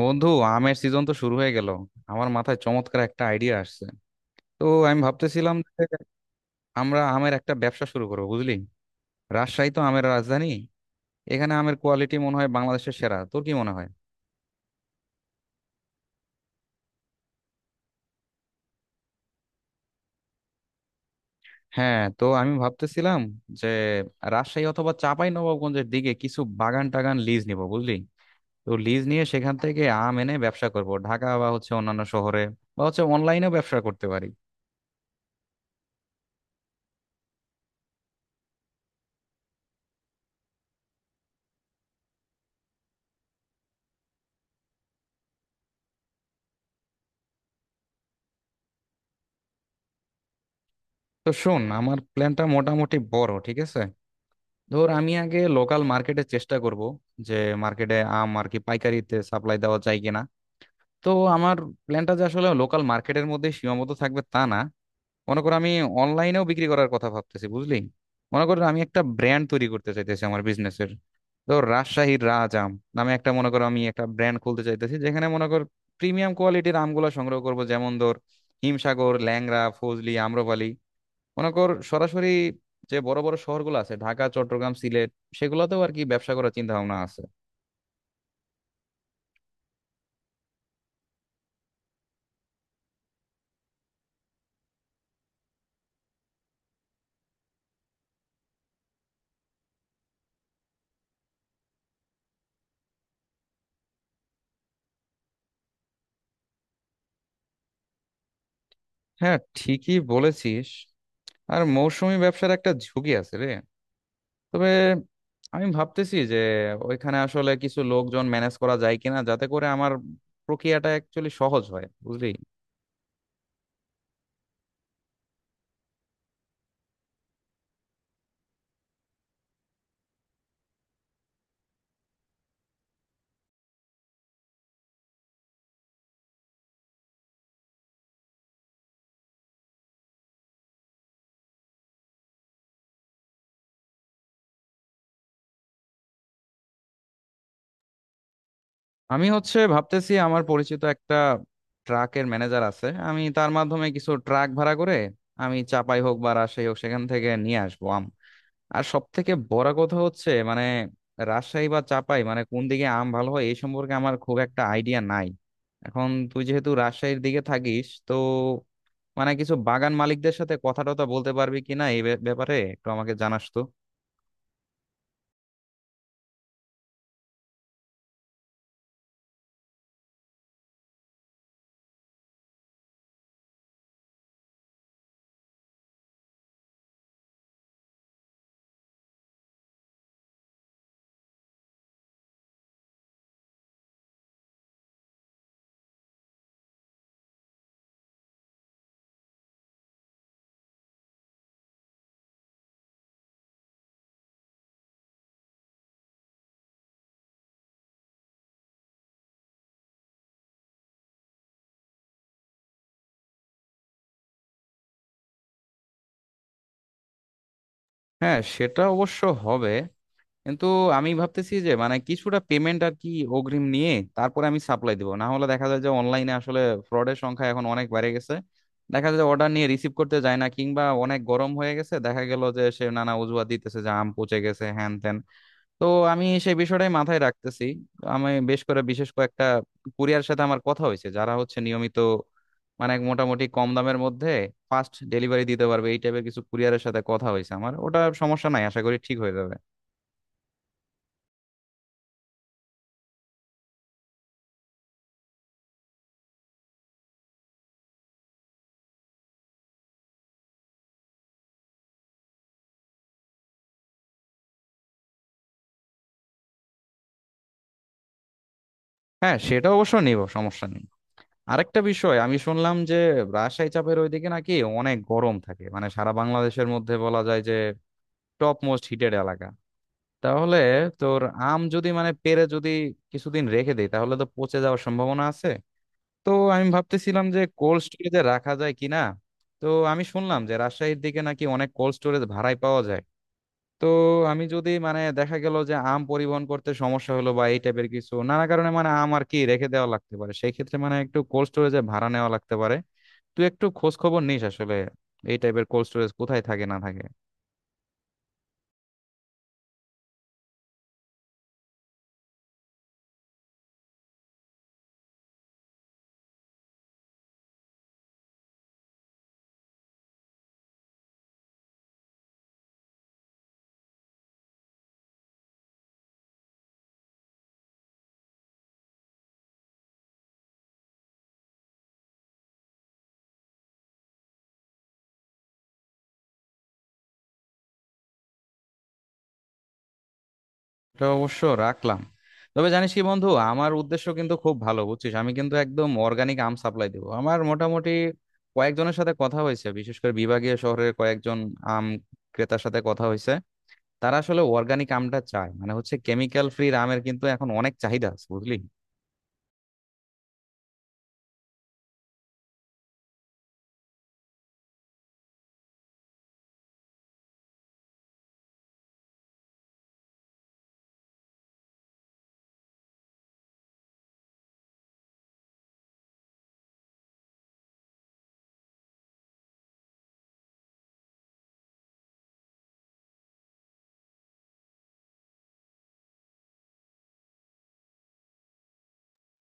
বন্ধু, আমের সিজন তো শুরু হয়ে গেল। আমার মাথায় চমৎকার একটা আইডিয়া আসছে। তো আমি ভাবতেছিলাম যে আমরা আমের একটা ব্যবসা শুরু করবো, বুঝলি। রাজশাহী তো আমের রাজধানী, এখানে আমের কোয়ালিটি মনে হয় বাংলাদেশের সেরা। তোর কি মনে হয়? হ্যাঁ, তো আমি ভাবতেছিলাম যে রাজশাহী অথবা চাঁপাই নবাবগঞ্জের দিকে কিছু বাগান টাগান লিজ নিব, বুঝলি। তো লিজ নিয়ে সেখান থেকে আম এনে ব্যবসা করব ঢাকা বা হচ্ছে অন্যান্য শহরে, বা হচ্ছে অনলাইনেও ব্যবসা করতে পারি। তো শোন, আমার প্ল্যানটা মোটামুটি বড়, ঠিক আছে। ধর, আমি আগে লোকাল মার্কেটে চেষ্টা করব যে মার্কেটে আম আর কি পাইকারিতে সাপ্লাই দেওয়া যায় কিনা। তো আমার প্ল্যানটা যে আসলে লোকাল মার্কেটের মধ্যে সীমাবদ্ধ থাকবে তা না। মনে করো, আমি অনলাইনেও বিক্রি করার কথা ভাবতেছি, বুঝলি। মনে করো, আমি একটা ব্র্যান্ড তৈরি করতে চাইতেছি আমার বিজনেসের। ধর, রাজশাহীর রাজ আম নামে একটা, মনে করো আমি একটা ব্র্যান্ড খুলতে চাইতেছি যেখানে মনে কর প্রিমিয়াম কোয়ালিটির আমগুলো সংগ্রহ করব, যেমন ধর হিমসাগর, ল্যাংড়া, ফজলি, আম্রপালি। মনে কর, সরাসরি যে বড় বড় শহরগুলো আছে ঢাকা, চট্টগ্রাম, সিলেট, সেগুলোতেও আর কি ব্যবসা করার চিন্তা ভাবনা আছে। হ্যাঁ, ঠিকই বলেছিস। আর মৌসুমী ব্যবসার একটা ঝুঁকি আছে রে। তবে আমি ভাবতেছি যে ওইখানে আসলে কিছু লোকজন ম্যানেজ করা যায় কিনা, যাতে করে আমার প্রক্রিয়াটা অ্যাকচুয়ালি সহজ হয়, বুঝলি। আমি হচ্ছে ভাবতেছি, আমার পরিচিত একটা ট্রাকের ম্যানেজার আছে, আমি তার মাধ্যমে কিছু ট্রাক ভাড়া করে, আমি চাপাই হোক বা রাজশাহী হোক সেখান থেকে নিয়ে আসবো আম। আর সব থেকে বড় কথা হচ্ছে মানে রাজশাহী বা চাপাই মানে কোন দিকে আম ভালো হয় এই সম্পর্কে আমার খুব একটা আইডিয়া নাই। এখন তুই যেহেতু রাজশাহীর দিকে থাকিস, তো মানে কিছু বাগান মালিকদের সাথে কথা টথা বলতে পারবি কিনা এই ব্যাপারে একটু আমাকে জানাস তো। হ্যাঁ, সেটা অবশ্য হবে, কিন্তু আমি ভাবতেছি যে মানে কিছুটা পেমেন্ট আর কি অগ্রিম নিয়ে তারপরে আমি সাপ্লাই দিব, না হলে দেখা যায় যে অনলাইনে আসলে ফ্রডের সংখ্যা এখন অনেক বেড়ে গেছে। দেখা যায় যে অর্ডার নিয়ে রিসিভ করতে যায় না, কিংবা অনেক গরম হয়ে গেছে, দেখা গেল যে সে নানা অজুহাত দিতেছে যে আম পচে গেছে হ্যান ত্যান। তো আমি সেই বিষয়টাই মাথায় রাখতেছি। আমি বেশ করে বিশেষ কয়েকটা কুরিয়ার সাথে আমার কথা হয়েছে, যারা হচ্ছে নিয়মিত মানে মোটামুটি কম দামের মধ্যে ফাস্ট ডেলিভারি দিতে পারবে, এই টাইপের কিছু কুরিয়ারের সাথে কথা হয়েছে আমার। ওটা সমস্যা নাই, আশা করি ঠিক হয়ে যাবে। হ্যাঁ, সেটা অবশ্য নিব, সমস্যা নেই। আরেকটা বিষয়, আমি শুনলাম যে রাজশাহী চাপের ওইদিকে নাকি অনেক গরম থাকে, মানে সারা বাংলাদেশের মধ্যে বলা যায় যে টপ মোস্ট হিটেড এলাকা। তাহলে তোর আম যদি মানে পেরে যদি কিছুদিন রেখে দেই, তাহলে তো পচে যাওয়ার সম্ভাবনা আছে। তো আমি ভাবতেছিলাম যে কোল্ড স্টোরেজে রাখা যায় কিনা। তো আমি শুনলাম যে রাজশাহীর দিকে নাকি অনেক কোল্ড স্টোরেজ ভাড়ায় পাওয়া যায়। তো আমি যদি মানে দেখা গেল যে আম পরিবহন করতে সমস্যা হলো বা এই টাইপের কিছু নানা কারণে মানে আম আর কি রেখে দেওয়া লাগতে পারে, সেই ক্ষেত্রে মানে একটু কোল্ড স্টোরেজে ভাড়া নেওয়া লাগতে পারে। তুই একটু খোঁজ খবর নিস আসলে এই টাইপের কোল্ড স্টোরেজ কোথায় থাকে না থাকে। এটা অবশ্য রাখলাম। তবে জানিস কি বন্ধু, আমার উদ্দেশ্য কিন্তু খুব ভালো, বুঝছিস। আমি কিন্তু একদম অর্গানিক আম সাপ্লাই দেবো। আমার মোটামুটি কয়েকজনের সাথে কথা হয়েছে, বিশেষ করে বিভাগীয় শহরের কয়েকজন আম ক্রেতার সাথে কথা হয়েছে। তারা আসলে অর্গানিক আমটা চায়, মানে হচ্ছে কেমিক্যাল ফ্রি আমের কিন্তু এখন অনেক চাহিদা আছে, বুঝলি।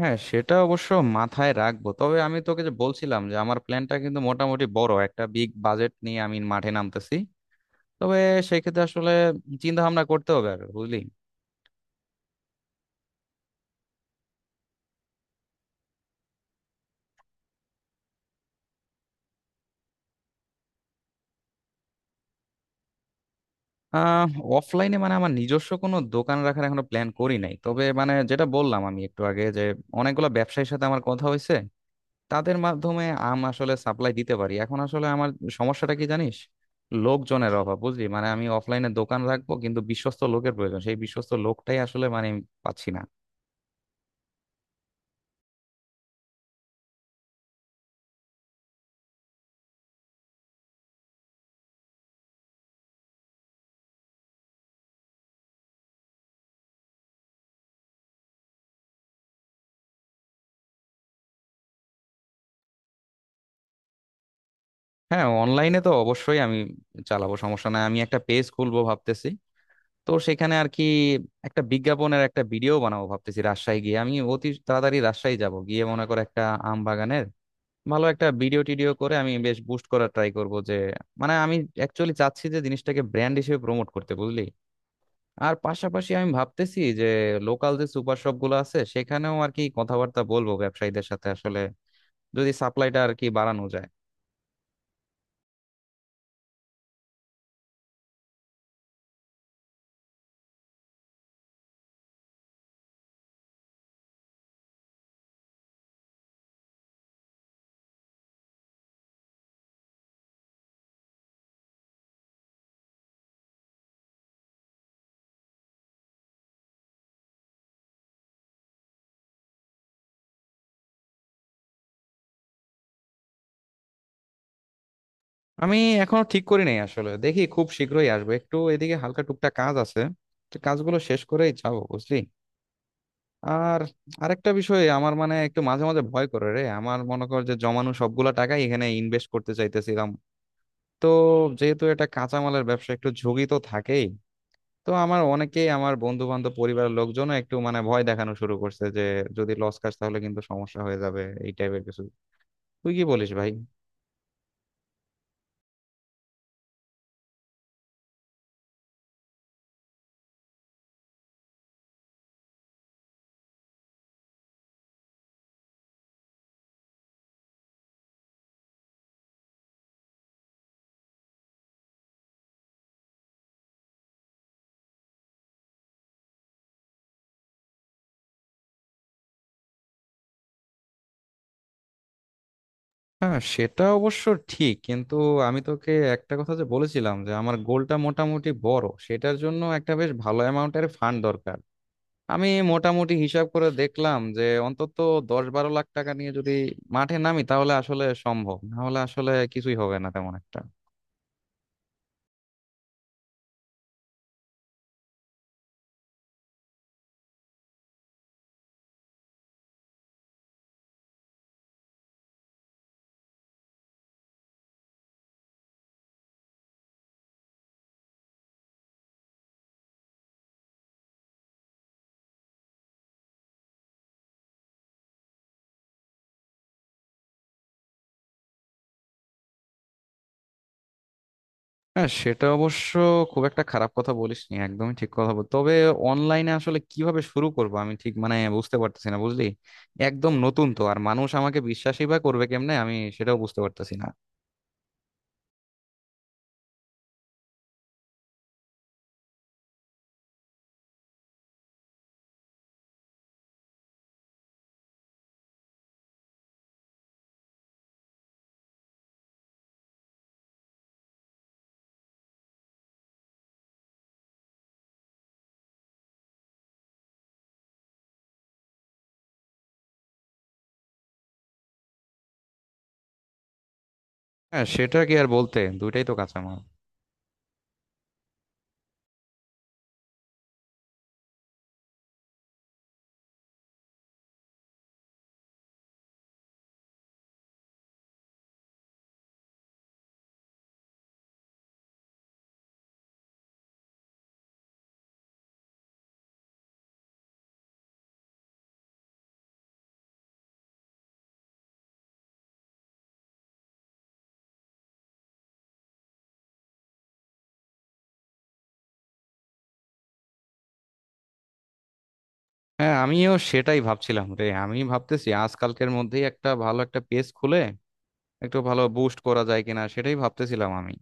হ্যাঁ, সেটা অবশ্য মাথায় রাখবো। তবে আমি তোকে যে বলছিলাম যে আমার প্ল্যানটা কিন্তু মোটামুটি বড়, একটা বিগ বাজেট নিয়ে আমি মাঠে নামতেছি। তবে সেক্ষেত্রে আসলে চিন্তা ভাবনা করতে হবে আর, বুঝলি। আহ অফলাইনে মানে আমার নিজস্ব কোনো দোকান রাখার এখনো প্ল্যান করি নাই। তবে মানে যেটা বললাম আমি একটু আগে, যে অনেকগুলো ব্যবসায়ীর সাথে আমার কথা হয়েছে, তাদের মাধ্যমে আম আসলে সাপ্লাই দিতে পারি। এখন আসলে আমার সমস্যাটা কি জানিস, লোকজনের অভাব, বুঝলি। মানে আমি অফলাইনে দোকান রাখবো কিন্তু বিশ্বস্ত লোকের প্রয়োজন, সেই বিশ্বস্ত লোকটাই আসলে মানে আমি পাচ্ছি না। হ্যাঁ, অনলাইনে তো অবশ্যই আমি চালাবো, সমস্যা নাই। আমি একটা পেজ খুলবো ভাবতেছি। তো সেখানে আর কি একটা বিজ্ঞাপনের একটা ভিডিও বানাবো ভাবতেছি। রাজশাহী গিয়ে আমি অতি তাড়াতাড়ি রাজশাহী যাব, গিয়ে মনে করে একটা আম বাগানের ভালো একটা ভিডিও টিডিও করে আমি বেশ বুস্ট করার ট্রাই করব। যে মানে আমি অ্যাকচুয়ালি চাচ্ছি যে জিনিসটাকে ব্র্যান্ড হিসেবে প্রমোট করতে, বুঝলি। আর পাশাপাশি আমি ভাবতেছি যে লোকাল যে সুপার শপ গুলো আছে সেখানেও আর কি কথাবার্তা বলবো ব্যবসায়ীদের সাথে, আসলে যদি সাপ্লাইটা আর কি বাড়ানো যায়। আমি এখনো ঠিক করি নাই আসলে, দেখি খুব শীঘ্রই আসবো। একটু এদিকে হালকা টুকটাক কাজ আছে, তো কাজগুলো শেষ করেই যাবো, বুঝলি। আর আরেকটা বিষয়, আমার মানে একটু মাঝে মাঝে ভয় করে রে। আমার মনে কর যে জমানো সবগুলা টাকাই এখানে ইনভেস্ট করতে চাইতেছিলাম। তো যেহেতু এটা কাঁচামালের ব্যবসা, একটু ঝুঁকি তো থাকেই। তো আমার অনেকেই, আমার বন্ধু বান্ধব পরিবারের লোকজন একটু মানে ভয় দেখানো শুরু করছে যে যদি লস খাস তাহলে কিন্তু সমস্যা হয়ে যাবে, এই টাইপের কিছু। তুই কি বলিস ভাই? হ্যাঁ, সেটা অবশ্য ঠিক, কিন্তু আমি তোকে একটা কথা যে বলেছিলাম যে আমার গোলটা মোটামুটি বড়, সেটার জন্য একটা বেশ ভালো অ্যামাউন্টের ফান্ড দরকার। আমি মোটামুটি হিসাব করে দেখলাম যে অন্তত 10-12 লাখ টাকা নিয়ে যদি মাঠে নামি, তাহলে আসলে সম্ভব, না হলে আসলে কিছুই হবে না তেমন একটা। হ্যাঁ, সেটা অবশ্য খুব একটা খারাপ কথা বলিসনি, একদমই ঠিক কথা বল। তবে অনলাইনে আসলে কিভাবে শুরু করব আমি ঠিক মানে বুঝতে পারতেছি না, বুঝলি। একদম নতুন তো, আর মানুষ আমাকে বিশ্বাসই বা করবে কেমনে, আমি সেটাও বুঝতে পারতেছি না। হ্যাঁ, সেটা কি আর বলতে, দুইটাই তো কাঁচামাল। হ্যাঁ, আমিও সেটাই ভাবছিলাম রে। আমি ভাবতেছি আজকালকের মধ্যেই একটা ভালো একটা পেজ খুলে একটু ভালো বুস্ট করা যায় কিনা, সেটাই ভাবতেছিলাম আমি।